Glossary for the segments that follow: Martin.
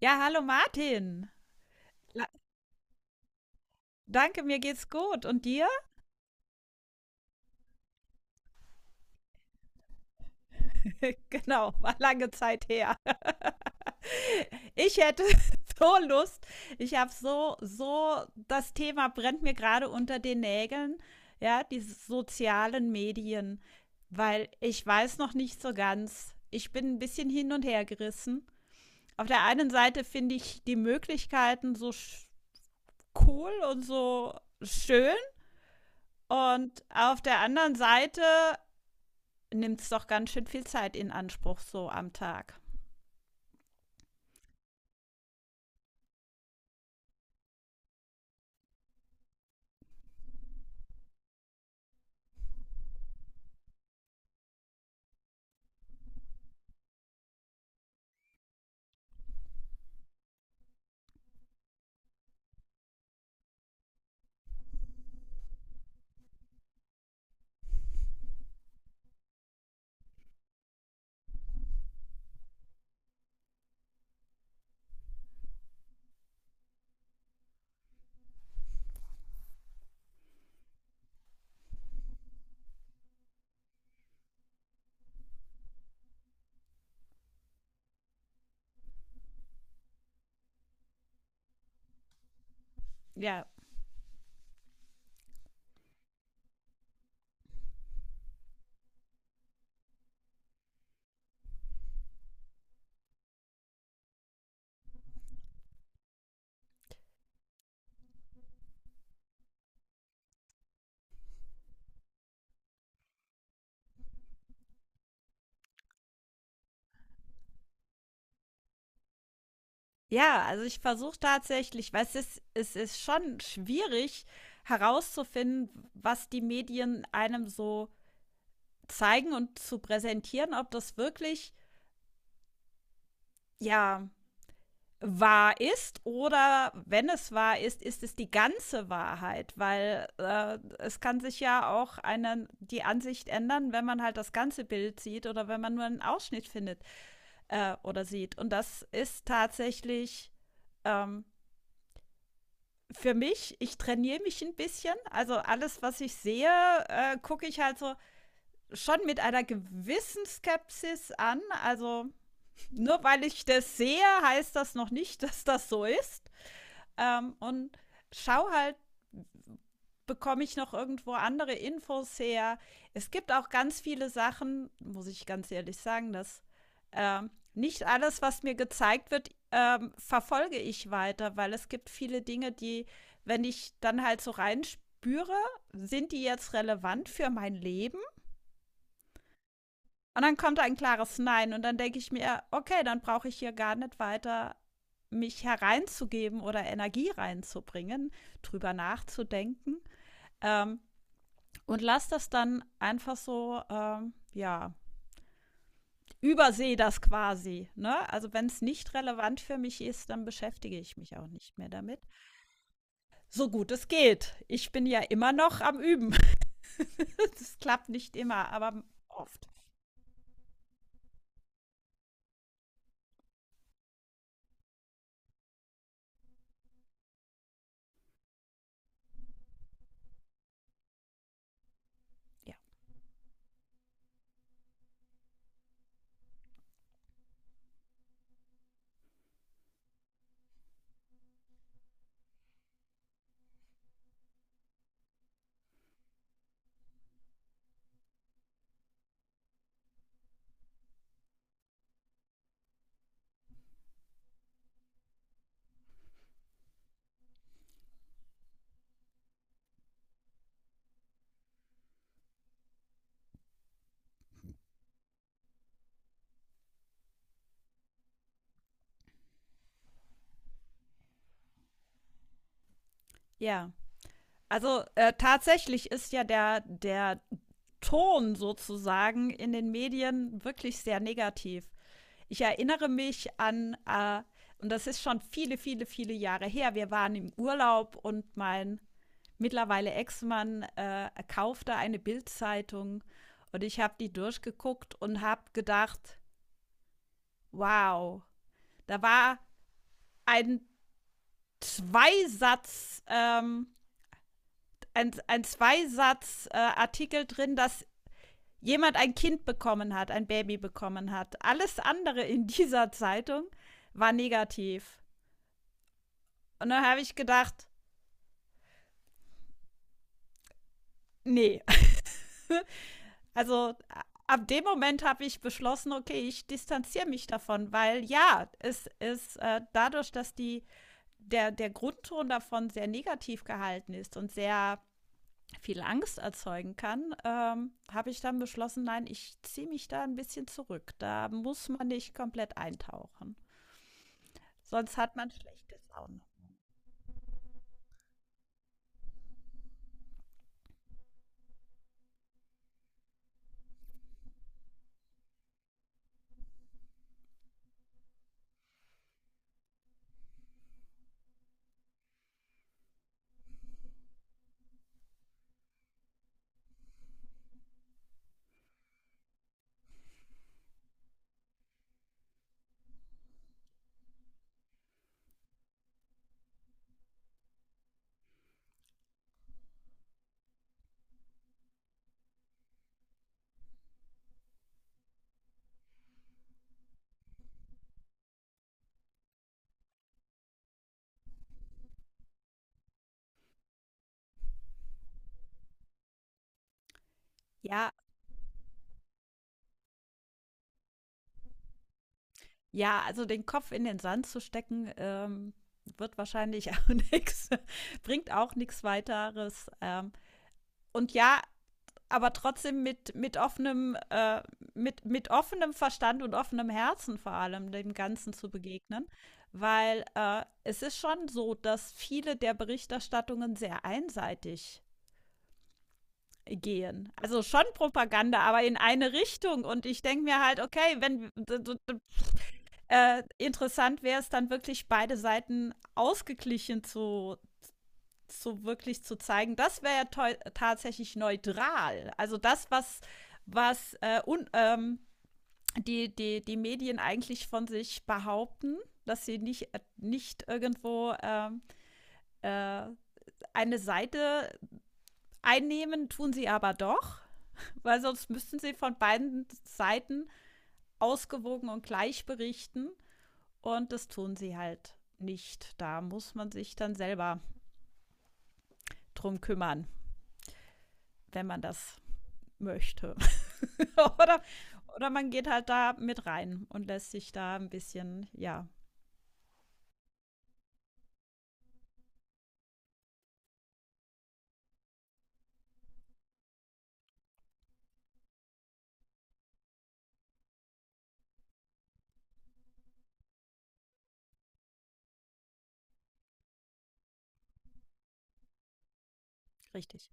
Ja, hallo Martin. La Danke, mir geht's gut. Und dir? Genau, war lange Zeit her. Ich hätte so Lust. Ich habe das Thema brennt mir gerade unter den Nägeln. Ja, die sozialen Medien. Weil ich weiß noch nicht so ganz. Ich bin ein bisschen hin und her gerissen. Auf der einen Seite finde ich die Möglichkeiten so cool und so schön. Und auf der anderen Seite nimmt es doch ganz schön viel Zeit in Anspruch so am Tag. Ja. Ja, also ich versuche tatsächlich, weil es ist schon schwierig herauszufinden, was die Medien einem so zeigen und zu präsentieren, ob das wirklich, ja, wahr ist, oder wenn es wahr ist, ist es die ganze Wahrheit, weil es kann sich ja auch eine, die Ansicht ändern, wenn man halt das ganze Bild sieht oder wenn man nur einen Ausschnitt findet oder sieht. Und das ist tatsächlich ähm, für mich, ich trainiere mich ein bisschen. Also alles, was ich sehe, gucke ich halt so schon mit einer gewissen Skepsis an. Also nur weil ich das sehe, heißt das noch nicht, dass das so ist. Und schau halt bekomme ich noch irgendwo andere Infos her. Es gibt auch ganz viele Sachen, muss ich ganz ehrlich sagen, dass nicht alles, was mir gezeigt wird, verfolge ich weiter, weil es gibt viele Dinge, die, wenn ich dann halt so reinspüre, sind die jetzt relevant für mein Leben? Und dann kommt ein klares Nein und dann denke ich mir, okay, dann brauche ich hier gar nicht weiter mich hereinzugeben oder Energie reinzubringen, drüber nachzudenken. Ähm, und lass das dann einfach so, ja, übersehe das quasi. Ne? Also wenn es nicht relevant für mich ist, dann beschäftige ich mich auch nicht mehr damit. So gut es geht. Ich bin ja immer noch am Üben. Das klappt nicht immer, aber oft. Ja. Ja. Also tatsächlich ist ja der Ton sozusagen in den Medien wirklich sehr negativ. Ich erinnere mich an, und das ist schon viele, viele, viele Jahre her, wir waren im Urlaub und mein mittlerweile Ex-Mann kaufte eine Bildzeitung und ich habe die durchgeguckt und habe gedacht, wow, da war ein Zweisatz, ein Zweisatz-Artikel drin, dass jemand ein Kind bekommen hat, ein Baby bekommen hat. Alles andere in dieser Zeitung war negativ. Und dann habe ich gedacht, nee, also ab dem Moment habe ich beschlossen, okay, ich distanziere mich davon, weil ja, es ist dadurch, dass die, der Grundton davon sehr negativ gehalten ist und sehr viel Angst erzeugen kann, habe ich dann beschlossen, nein, ich ziehe mich da ein bisschen zurück. Da muss man nicht komplett eintauchen. Sonst hat man schlechte Laune. Ja, ja, also den Kopf in den Sand zu stecken, wird wahrscheinlich auch nichts, bringt auch nichts weiteres. Und ja, aber trotzdem mit offenem, mit offenem Verstand und offenem Herzen vor allem dem Ganzen zu begegnen. Weil es ist schon so, dass viele der Berichterstattungen sehr einseitig gehen. Also schon Propaganda, aber in eine Richtung. Und ich denke mir halt, okay, wenn äh, interessant wäre es dann wirklich, beide Seiten ausgeglichen zu wirklich zu zeigen. Das wäre ja teu- tatsächlich neutral. Also das, was, was die Medien eigentlich von sich behaupten, dass sie nicht, nicht irgendwo äh, eine Seite einnehmen, tun sie aber doch, weil sonst müssten sie von beiden Seiten ausgewogen und gleich berichten. Und das tun sie halt nicht. Da muss man sich dann selber drum kümmern, wenn man das möchte. oder, oder man geht halt da mit rein und lässt sich da ein bisschen, ja, richtig.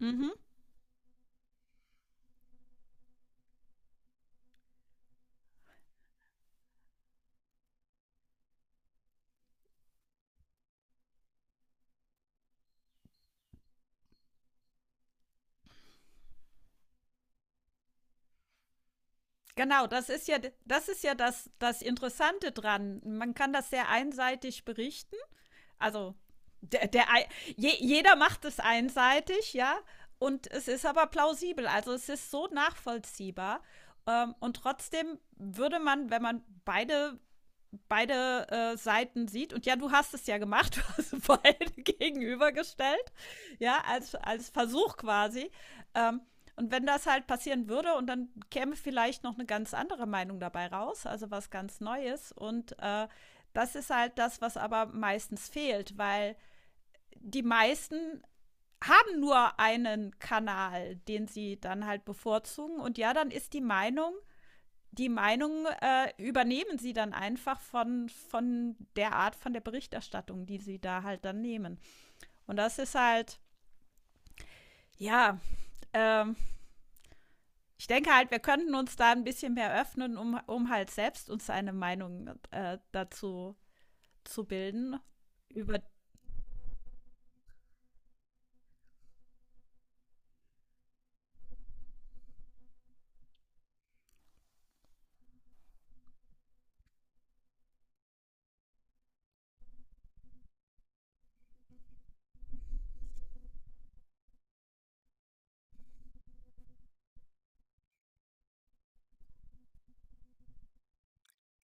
Mhm. Genau, das ist ja das, das Interessante dran. Man kann das sehr einseitig berichten. Also der, der je, jeder macht es einseitig, ja. Und es ist aber plausibel. Also es ist so nachvollziehbar. Und trotzdem würde man, wenn man beide Seiten sieht. Und ja, du hast es ja gemacht, du hast beide gegenübergestellt, ja, als Versuch quasi. Ähm, und wenn das halt passieren würde und dann käme vielleicht noch eine ganz andere Meinung dabei raus, also was ganz Neues. Und das ist halt das, was aber meistens fehlt, weil die meisten haben nur einen Kanal, den sie dann halt bevorzugen. Und ja, dann ist die Meinung übernehmen sie dann einfach von der Art von der Berichterstattung, die sie da halt dann nehmen. Und das ist halt, ja, ähm, ich denke halt, wir könnten uns da ein bisschen mehr öffnen, um halt selbst uns eine Meinung dazu zu bilden. Über,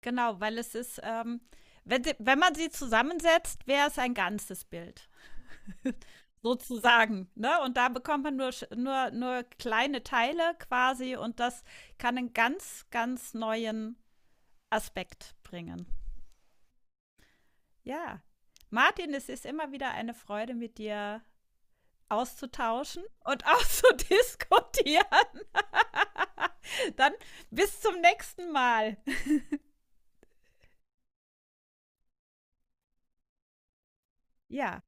genau, weil es ist, wenn, wenn man sie zusammensetzt, wäre es ein ganzes Bild. Sozusagen. Ne? Und da bekommt man nur, nur kleine Teile quasi und das kann einen ganz, ganz neuen Aspekt bringen. Ja. Martin, es ist immer wieder eine Freude, mit dir auszutauschen und auszudiskutieren. Dann bis zum nächsten Mal. Ja.